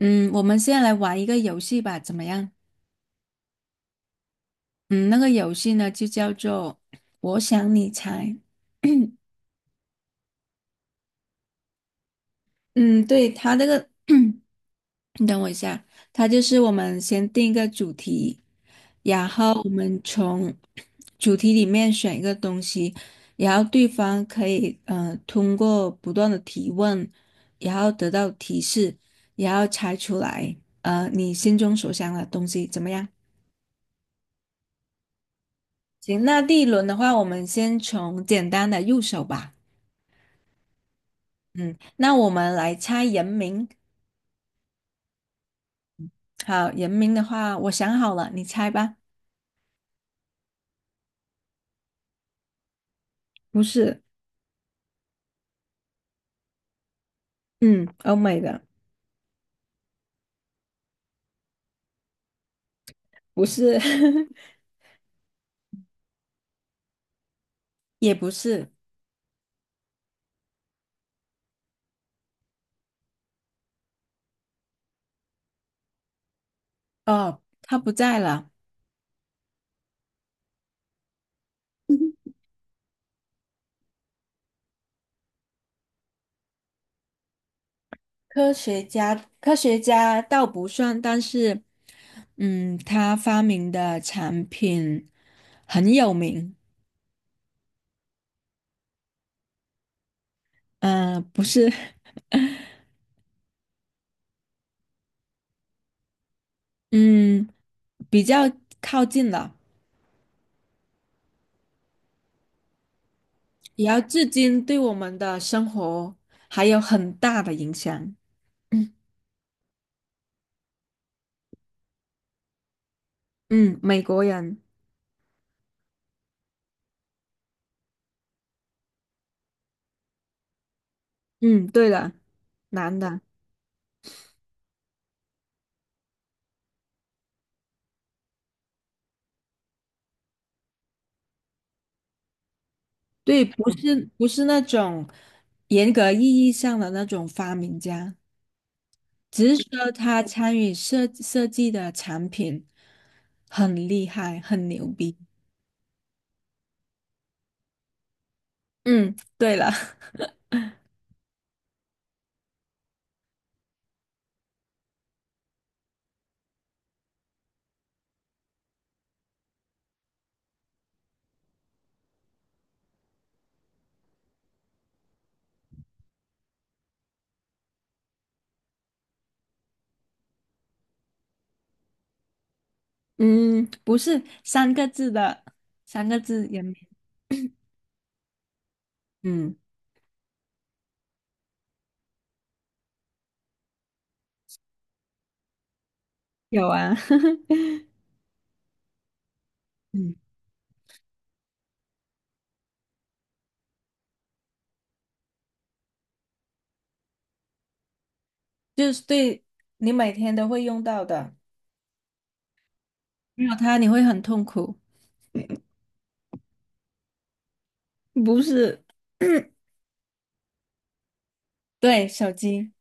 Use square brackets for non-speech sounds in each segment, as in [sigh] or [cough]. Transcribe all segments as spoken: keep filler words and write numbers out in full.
嗯，我们现在来玩一个游戏吧，怎么样？嗯，那个游戏呢就叫做“我想你猜”。[coughs] [clears throat] 嗯，对，它这个，[clears throat] 你等我一下，它就是我们先定一个主题，然后我们从主题里面选一个东西，然后对方可以呃通过不断的提问，然后得到提示，然后猜出来呃你心中所想的东西，怎么样？行，那第一轮的话，我们先从简单的入手吧。嗯，那我们来猜人名。好，人名的话，我想好了，你猜吧。不是。嗯，欧美的。不是，[laughs] 也不是。哦，他不在了。科学家，科学家倒不算，但是，嗯，他发明的产品很有名。嗯、不是，[laughs] 嗯，比较靠近了。也要至今对我们的生活还有很大的影响。嗯。嗯，美国人。嗯，对的，男的。对，不是不是那种严格意义上的那种发明家，只是说他参与设设计的产品很厉害，很牛逼。嗯，对了，[laughs] 嗯，不是三个字的，三个字人名。嗯，有啊，[laughs] 嗯。就是对你每天都会用到的，没有它你会很痛苦。不是。[clears throat] 对，手机。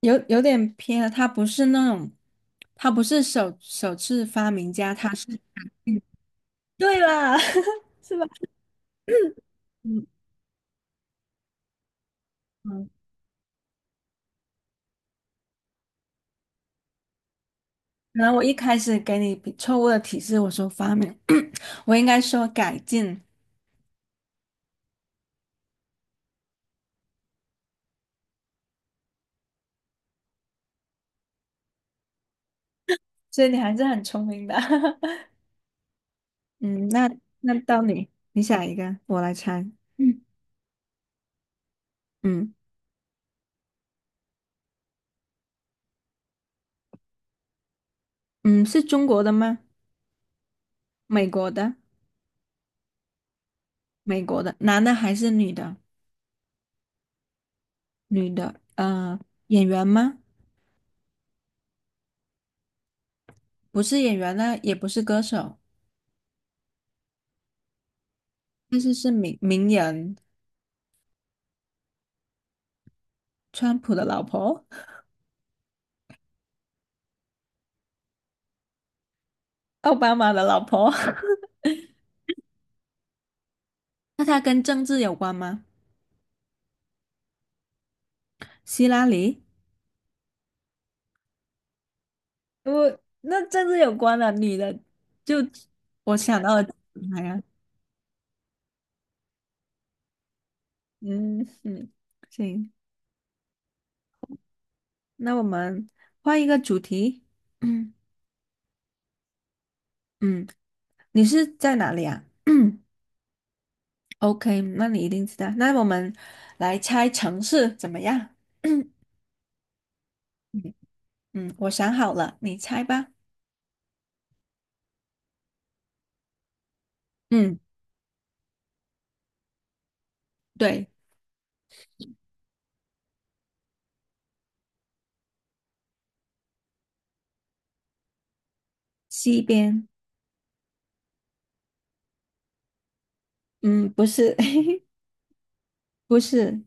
有有点偏了，它不是那种，它不是首首次发明家，它是 [laughs]，对啦，[laughs] 是吧？嗯嗯，可能我一开始给你比错误的提示，我说发明，[coughs] [clears throat] 我应该说改进。所以你还是很聪明的。[laughs] 嗯，那那到你，你想一个，我来猜。嗯。嗯。嗯，是中国的吗？美国的。美国的，男的还是女的？女的，呃，演员吗？不是演员呢，也不是歌手，但是是名名人，川普的老婆。奥巴马的老婆。[laughs] 那她跟政治有关吗？希拉里？我那政治有关的女的，就我想到了。哎呀，嗯嗯，行，那我们换一个主题。[clears throat] 嗯。嗯，你是在哪里啊？[clears throat] OK，那你一定知道。那我们来猜城市怎么样？[clears throat] 嗯。嗯，我想好了，你猜吧。嗯，对，西边。嗯，不是，[laughs] 不是。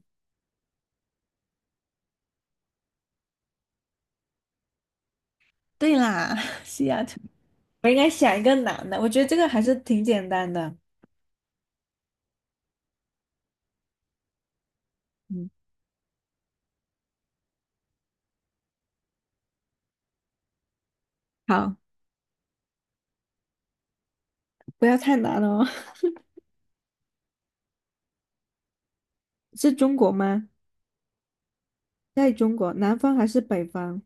对啦，[laughs] 西雅图。我应该想一个难的，我觉得这个还是挺简单的。嗯，好，不要太难哦。[laughs] 是中国吗？在中国，南方还是北方？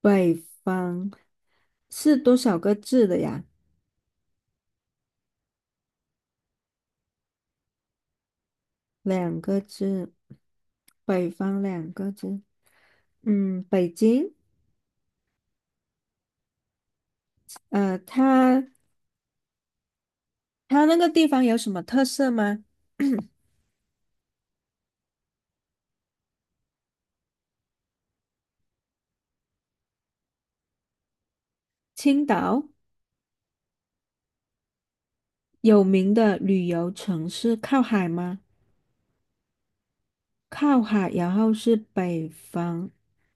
北方是多少个字的呀？两个字，北方两个字，嗯，北京。呃，它它那个地方有什么特色吗？青岛。有名的旅游城市靠海吗？靠海，然后是北方，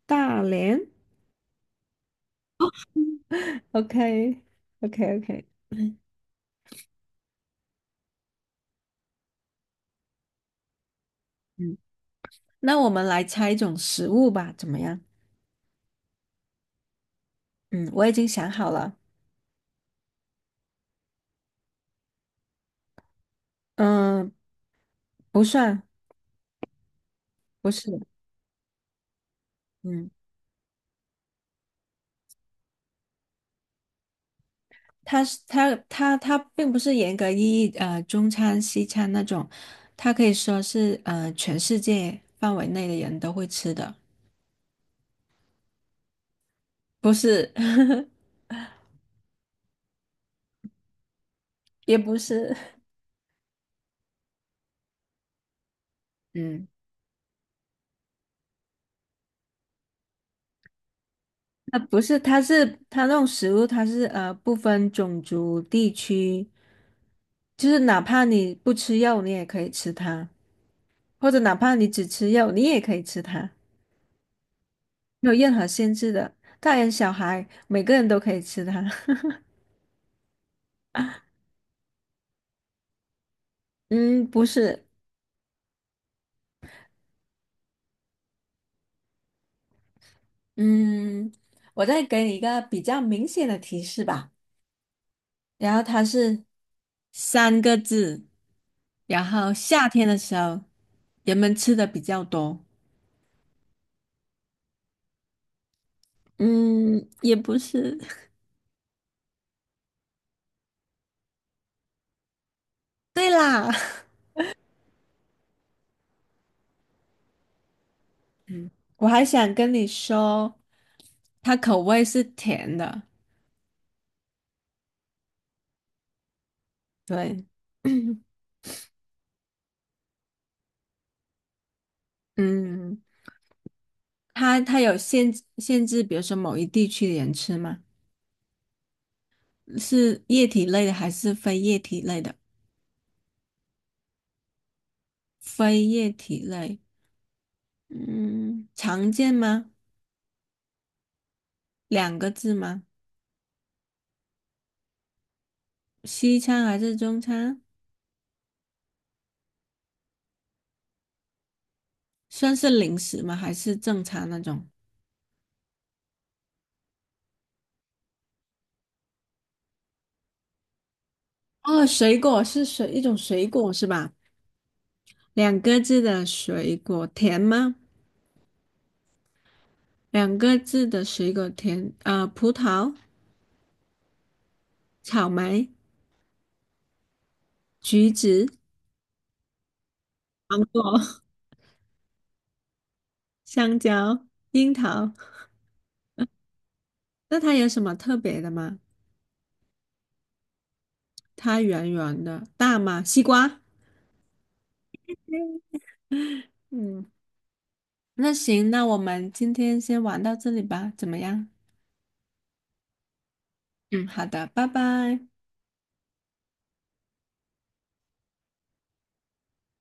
大连。OK OK OK。嗯，那我们来猜一种食物吧，怎么样？嗯，我已经想好了。嗯、不算。不是。嗯。它是它它它并不是严格意义呃中餐西餐那种，它可以说是呃全世界范围内的人都会吃的。不是，[laughs] 也不是。嗯，它不是，它是它那种食物，它是呃不分种族地区，就是哪怕你不吃肉，你也可以吃它，或者哪怕你只吃肉，你也可以吃它，没有任何限制的，大人小孩每个人都可以吃它。[laughs] 嗯，不是。嗯，我再给你一个比较明显的提示吧。然后它是三个字，然后夏天的时候人们吃的比较多。嗯，也不是。[laughs] 对啦，[laughs] 我还想跟你说，它口味是甜的。对。[clears throat] 嗯，它它有限制限制，比如说某一地区的人吃吗？是液体类的还是非液体类的？非液体类。嗯，常见吗？两个字吗？西餐还是中餐？算是零食吗？还是正餐那种？哦，水果是水，一种水果是吧？两个字的水果，甜吗？两个字的水果甜，呃，葡萄、草莓、橘子、芒果、[laughs] 香蕉、樱桃。那它有什么特别的吗？它圆圆的，大吗？西瓜。嗯，那行，那我们今天先玩到这里吧，怎么样？嗯，好的，拜拜。